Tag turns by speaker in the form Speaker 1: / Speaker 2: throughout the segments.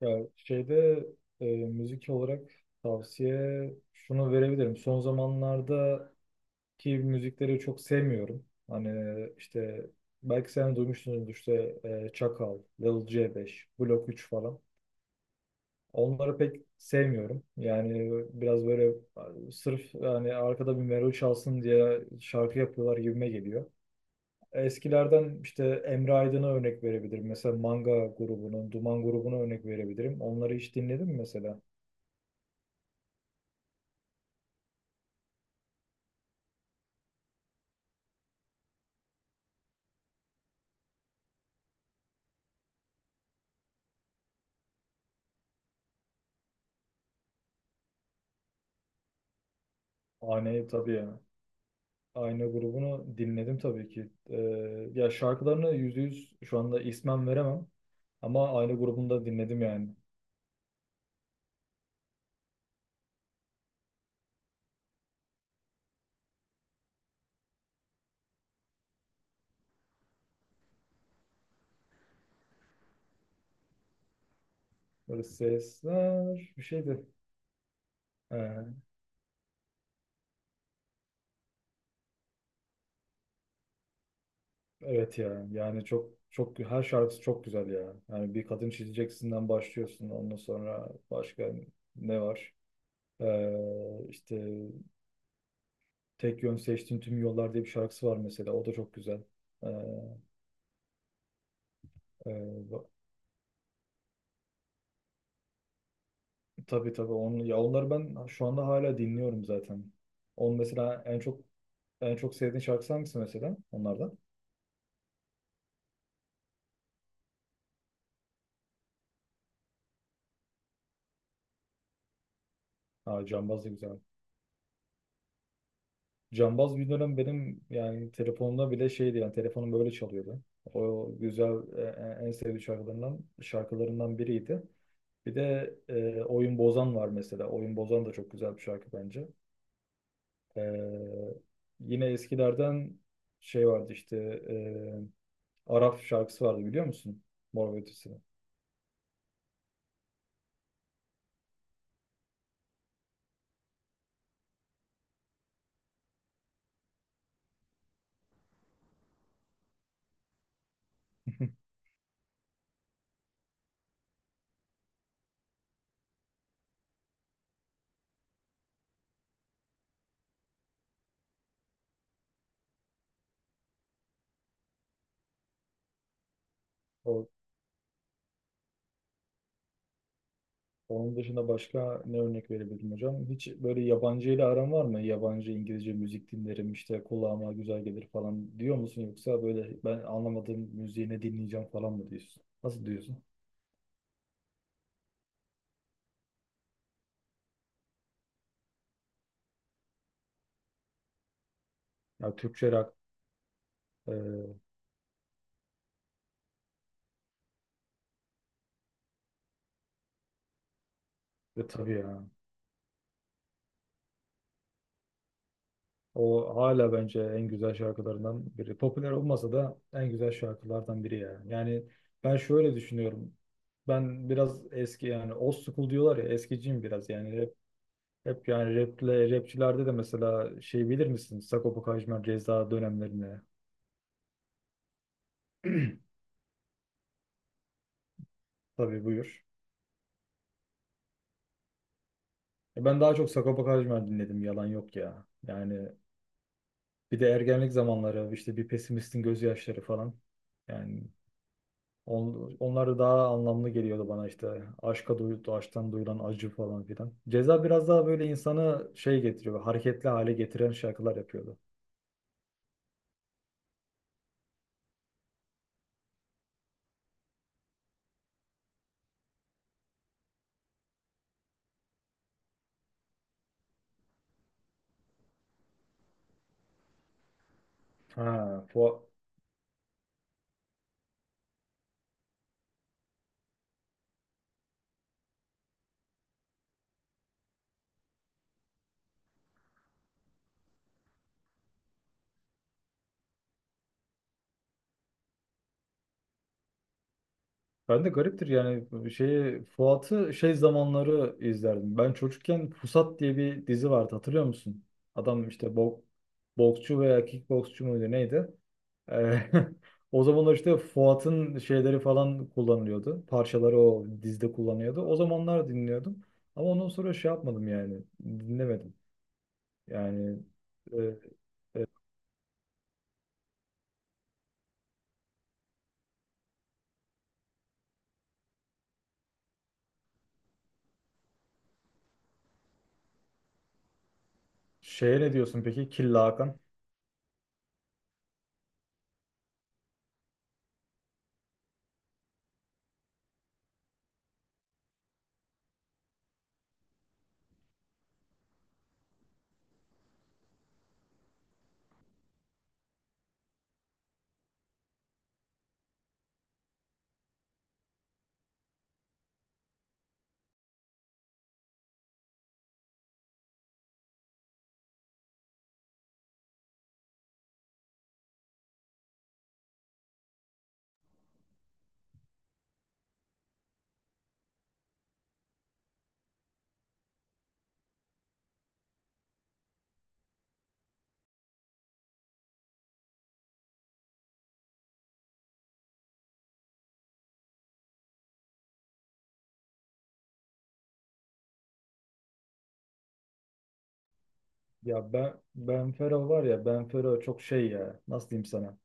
Speaker 1: Ya müzik olarak tavsiye şunu verebilirim. Son zamanlardaki müzikleri çok sevmiyorum. Hani işte belki sen duymuşsunuz işte Çakal, Lil C5, Blok 3 falan. Onları pek sevmiyorum. Yani biraz böyle sırf yani arkada bir melodi çalsın diye şarkı yapıyorlar gibime geliyor. Eskilerden işte Emre Aydın'a örnek verebilirim. Mesela Manga grubunun, Duman grubuna örnek verebilirim. Onları hiç dinledin mi mesela? Aynayı tabii ya. Ayna grubunu dinledim tabii ki. Ya şarkılarını yüzde yüz şu anda ismen veremem. Ama Ayna grubunu da dinledim yani. Böyle sesler bir şeydi. Ee, evet ya yani çok çok her şarkısı çok güzel ya. Yani bir kadın çizeceksinden başlıyorsun. Ondan sonra başka ne var? İşte tek yön seçtiğin tüm yollar diye bir şarkısı var mesela. O da çok güzel. Ee, e, Tabii tabii onu, ya onları ben şu anda hala dinliyorum zaten. Onun mesela en çok en çok sevdiğin şarkısı hangisi mesela onlardan? Ha, Cambaz da güzel. Cambaz bir dönem benim yani telefonumda bile şeydi, yani telefonum böyle çalıyordu. O güzel en sevdiğim şarkılarından biriydi. Bir de Oyun Bozan var mesela. Oyun Bozan da çok güzel bir şarkı bence. E, Yine eskilerden şey vardı işte, e, Arap şarkısı vardı biliyor musun? Mor ve Ötesi. O Onun dışında başka ne örnek verebilirim hocam? Hiç böyle yabancı ile aran var mı? Yabancı İngilizce müzik dinlerim işte kulağıma güzel gelir falan diyor musun? Yoksa böyle ben anlamadığım müziği ne dinleyeceğim falan mı diyorsun? Nasıl diyorsun? Ya Türkçe rock e, ve tabii ya. O hala bence en güzel şarkılarından biri. Popüler olmasa da en güzel şarkılardan biri ya. Yani ben şöyle düşünüyorum. Ben biraz eski, yani old school diyorlar ya, eskiciyim biraz yani. Hep yani raple, rapçilerde de mesela şey bilir misin? Sagopa Kajmer, Ceza dönemlerine. Tabii, buyur. E, ben daha çok Sagopa Kajmer dinledim, yalan yok ya. Yani bir de ergenlik zamanları işte bir pesimistin gözyaşları falan. Yani onlar da daha anlamlı geliyordu bana işte. Aşka duyuldu, aşktan duyulan acı falan filan. Ceza biraz daha böyle insanı şey getiriyor, hareketli hale getiren şarkılar yapıyordu. Ha, Fuat. Ben de gariptir yani şeyi, Fuat'ı şey zamanları izlerdim. Ben çocukken Pusat diye bir dizi vardı, hatırlıyor musun? Adam işte boksçu veya kickboksçu muydu neydi? Ee, O zamanlar işte Fuat'ın şeyleri falan kullanılıyordu. Parçaları o dizide kullanıyordu. O zamanlar dinliyordum. Ama ondan sonra şey yapmadım yani. Dinlemedim. Yani e, e, Şeye ne diyorsun peki? Killa Hakan. Ya ben, Ben Fero var ya, Ben Fero çok şey ya. Nasıl diyeyim sana?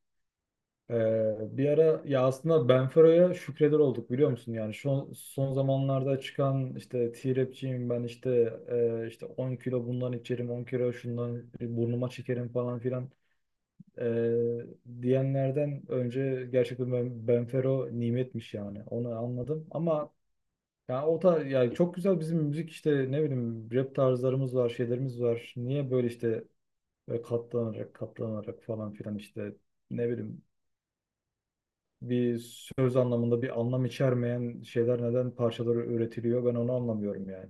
Speaker 1: Bir ara ya aslında Benfero'ya şükreder olduk, biliyor musun? Yani şu son zamanlarda çıkan işte T-Rap'ciyim ben işte, işte 10 kilo bundan içerim, 10 kilo şundan burnuma çekerim falan filan e, diyenlerden önce gerçekten Benfero nimetmiş yani, onu anladım. Ama yani o da yani, çok güzel bizim müzik işte, ne bileyim rap tarzlarımız var, şeylerimiz var, niye böyle işte böyle katlanarak katlanarak falan filan işte, ne bileyim, bir söz anlamında bir anlam içermeyen şeyler neden parçaları üretiliyor, ben onu anlamıyorum yani.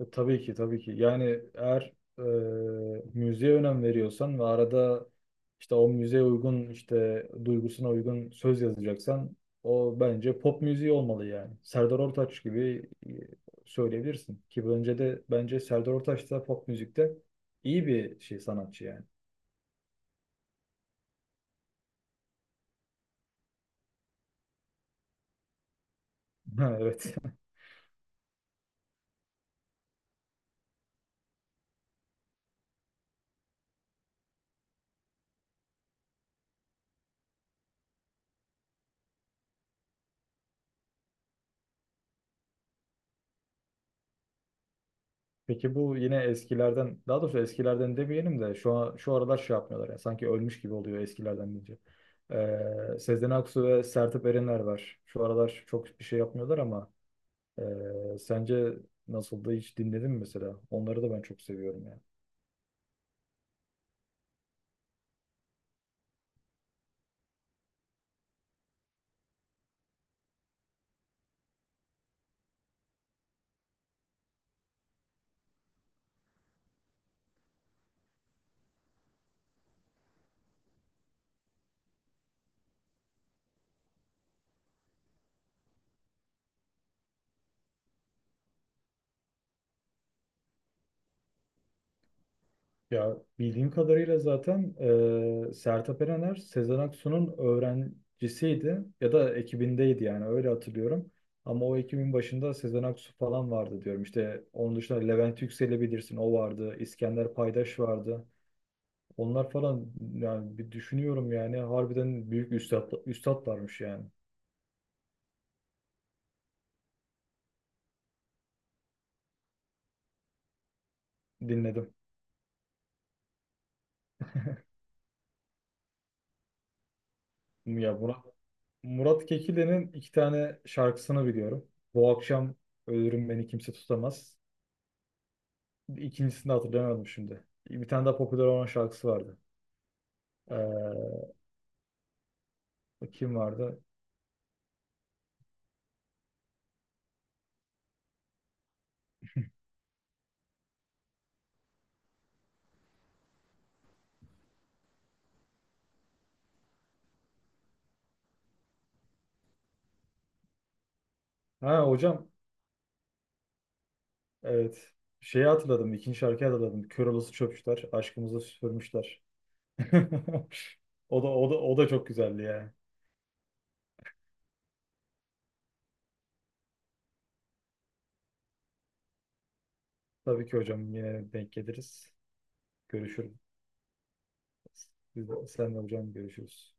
Speaker 1: Tabii ki tabii ki. Yani eğer e, müziğe önem veriyorsan ve arada işte o müziğe uygun işte duygusuna uygun söz yazacaksan, o bence pop müziği olmalı yani. Serdar Ortaç gibi söyleyebilirsin ki, bence de bence Serdar Ortaç da pop müzikte iyi bir sanatçı yani. Ha, evet. Peki bu yine eskilerden, daha doğrusu eskilerden demeyelim de şu an, şu aralar şey yapmıyorlar ya, sanki ölmüş gibi oluyor eskilerden deyince. Sezen Aksu ve Sertab Erener var. Şu aralar çok bir şey yapmıyorlar ama sence nasıldı, hiç dinledin mi mesela? Onları da ben çok seviyorum. Ya bildiğim kadarıyla zaten Sertab Erener Sezen Aksu'nun öğrencisiydi ya da ekibindeydi, yani öyle hatırlıyorum. Ama o ekibin başında Sezen Aksu falan vardı diyorum. İşte onun dışında Levent Yüksel'i bilirsin, o vardı. İskender Paydaş vardı. Onlar falan yani, bir düşünüyorum yani harbiden büyük üstadlarmış yani. Dinledim. Ya Murat Kekilli'nin 2 tane şarkısını biliyorum. Bu Akşam Ölürüm Beni Kimse Tutamaz. İkincisini de hatırlayamadım şimdi. Bir tane daha popüler olan şarkısı vardı. Kim vardı? Ha hocam. Evet. Şeyi hatırladım. İkinci şarkıyı hatırladım. Kör olası çöpçüler. Aşkımızı süpürmüşler. O da o da o da çok güzeldi ya. Tabii ki hocam, yine denk geliriz. Görüşürüz. Sen de hocam, görüşürüz.